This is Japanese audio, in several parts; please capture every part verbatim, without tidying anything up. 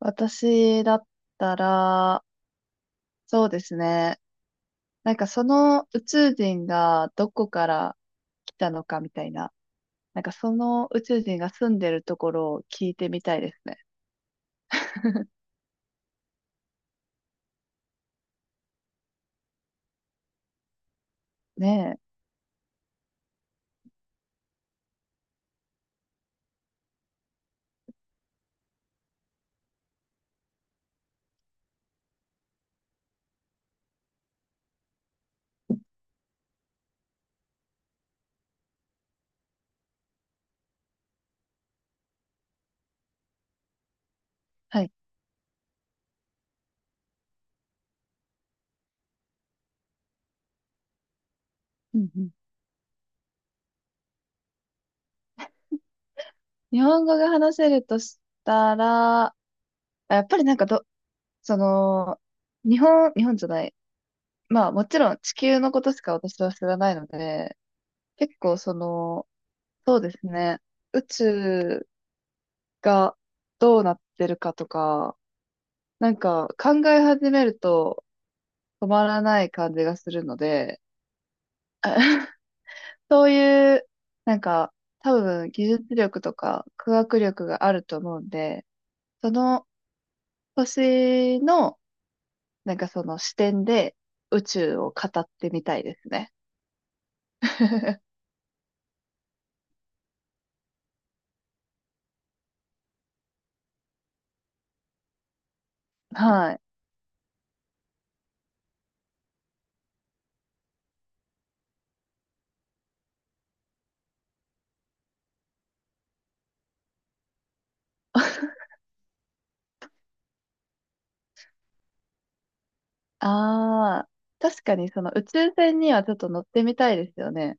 私だったら、そうですね。なんかその宇宙人がどこから来たのかみたいな。なんかその宇宙人が住んでるところを聞いてみたいですね。ねえ。はい。うんうん。日本語が話せるとしたら、やっぱりなんかど、その、日本、日本じゃない。まあもちろん地球のことしか私は知らないので、結構その、そうですね。宇宙がどうなってるかとか、なんか考え始めると止まらない感じがするので、そういう、なんか多分技術力とか科学力があると思うんで、その年の、なんかその視点で宇宙を語ってみたいですね。はい。ああ、確かにその宇宙船にはちょっと乗ってみたいですよね。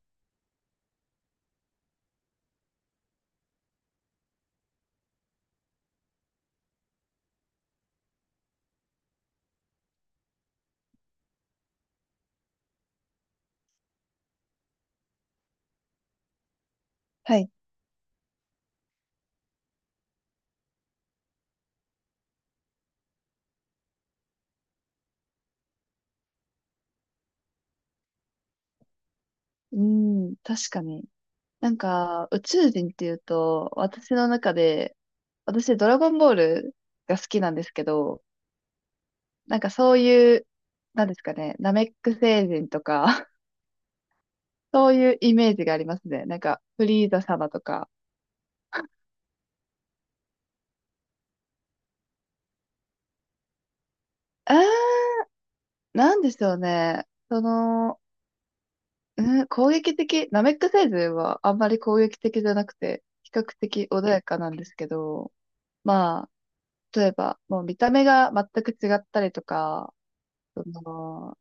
はい。うん、確かに。なんか、宇宙人っていうと、私の中で、私、ドラゴンボールが好きなんですけど、なんかそういう、なんですかね、ナメック星人とか、そういうイメージがありますね。なんか、フリーザ様とか。あー、なんでしょうね。その、うん、攻撃的、ナメック星人はあんまり攻撃的じゃなくて、比較的穏やかなんですけど、まあ、例えば、もう見た目が全く違ったりとか、その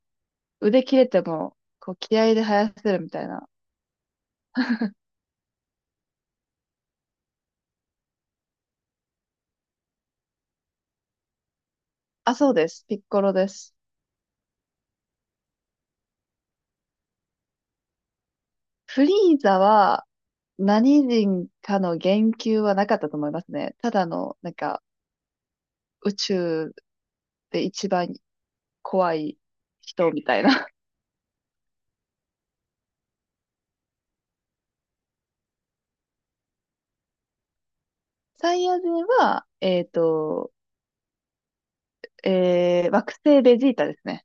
腕切れても、こう、気合で生やせるみたいな。あ、そうです。ピッコロです。フリーザは、何人かの言及はなかったと思いますね。ただの、なんか、宇宙で一番怖い人みたいな。サイヤ人は、えっと、えー、惑星ベジータですね。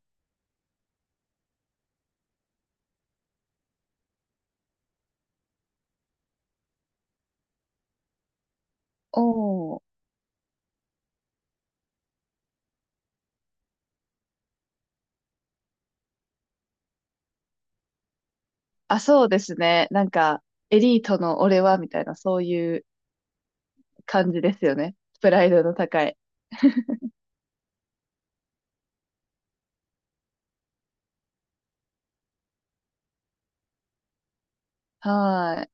おー。あ、そうですね。なんか、エリートの俺は、みたいな、そういう感じですよね。プライドの高い。はーい。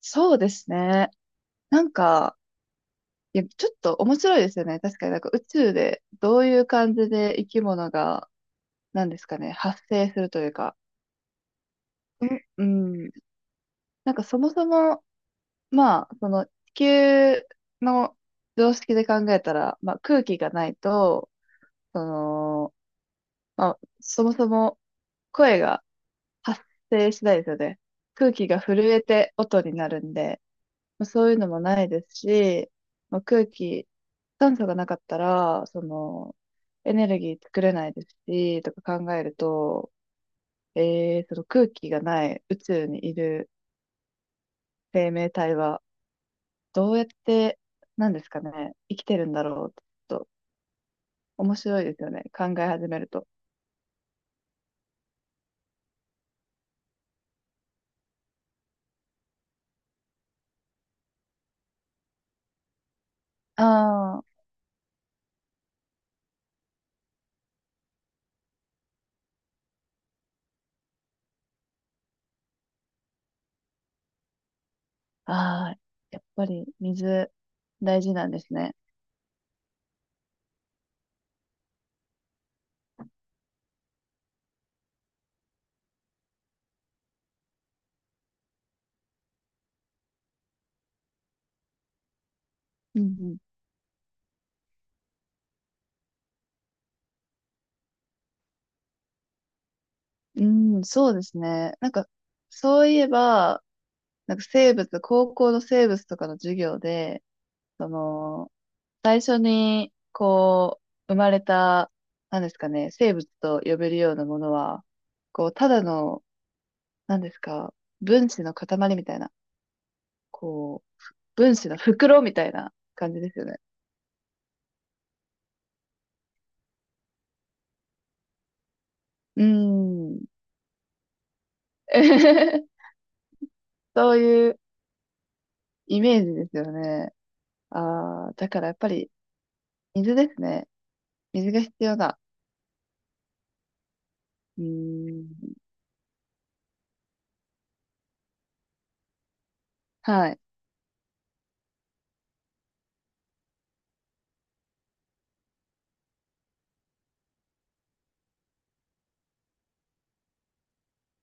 そうですね。なんか、いや、ちょっと面白いですよね。確かになんか宇宙でどういう感じで生き物が、なんですかね、発生するというか。うん。うん、なんかそもそも、まあ、その地球の常識で考えたら、まあ空気がないと、その、まあ、そもそも声が発生しないですよね。空気が震えて音になるんで、まあそういうのもないですし、まあ、空気、酸素がなかったら、その、エネルギー作れないですし、とか考えると、えー、その空気がない宇宙にいる生命体は、どうやって、なんですかね、生きてるんだろうって、ちょっと面白いですよね、考え始めると。ああ、ああ、やっぱり水、大事なんですね。うんうん。うん、そうですね。なんか、そういえば、なんか生物、高校の生物とかの授業で、その、最初に、こう、生まれた、なんですかね、生物と呼べるようなものは、こう、ただの、なんですか、分子の塊みたいな、こう、分子の袋みたいな感じですよね。うーん。そういうイメージですよね。ああ、だからやっぱり、水ですね。水が必要だ。うーん。はい。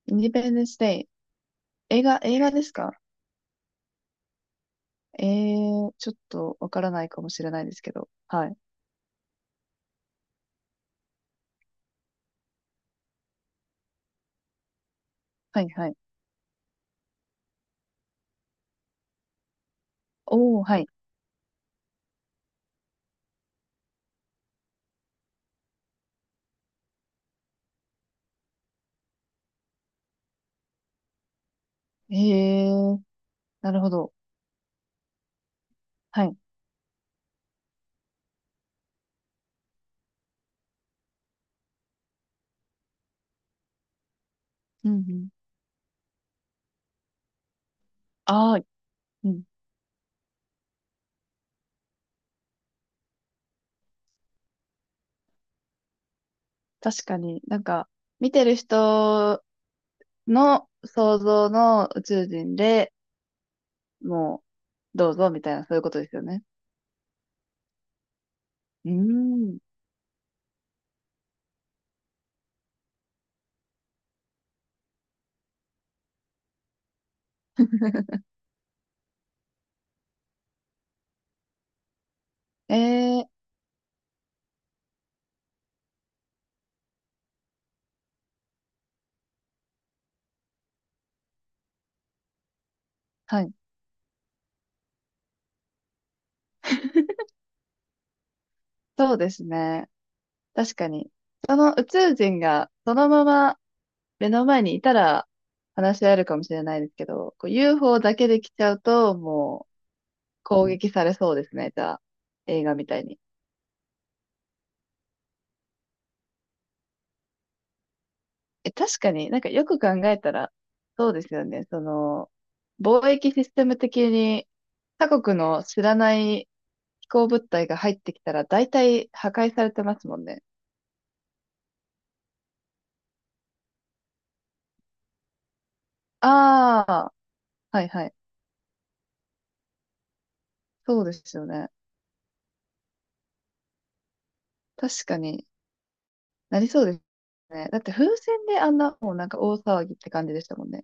インディペンデンスデイ。映画、映画ですか？ええ、ちょっとわからないかもしれないですけど。はい。はい、はい。おー、はい。ええ、なるほど。はい。うん、うん。ああ、うん。確かになんか、見てる人の想像の宇宙人でもう、どうぞみたいな、そういうことですよね。うーん。ええ、はい。そうですね。確かに。その宇宙人が、そのまま目の前にいたら話し合えるかもしれないですけど、こう ユーエフオー だけで来ちゃうと、もう攻撃されそうですね、じゃあ、映画みたいに。え、確かになんかよく考えたら、そうですよね、その、貿易システム的に他国の知らない飛行物体が入ってきたら大体破壊されてますもんね。ああ、はいはい。そうですよね。確かになりそうですね。だって風船であんなもうなんか大騒ぎって感じでしたもんね。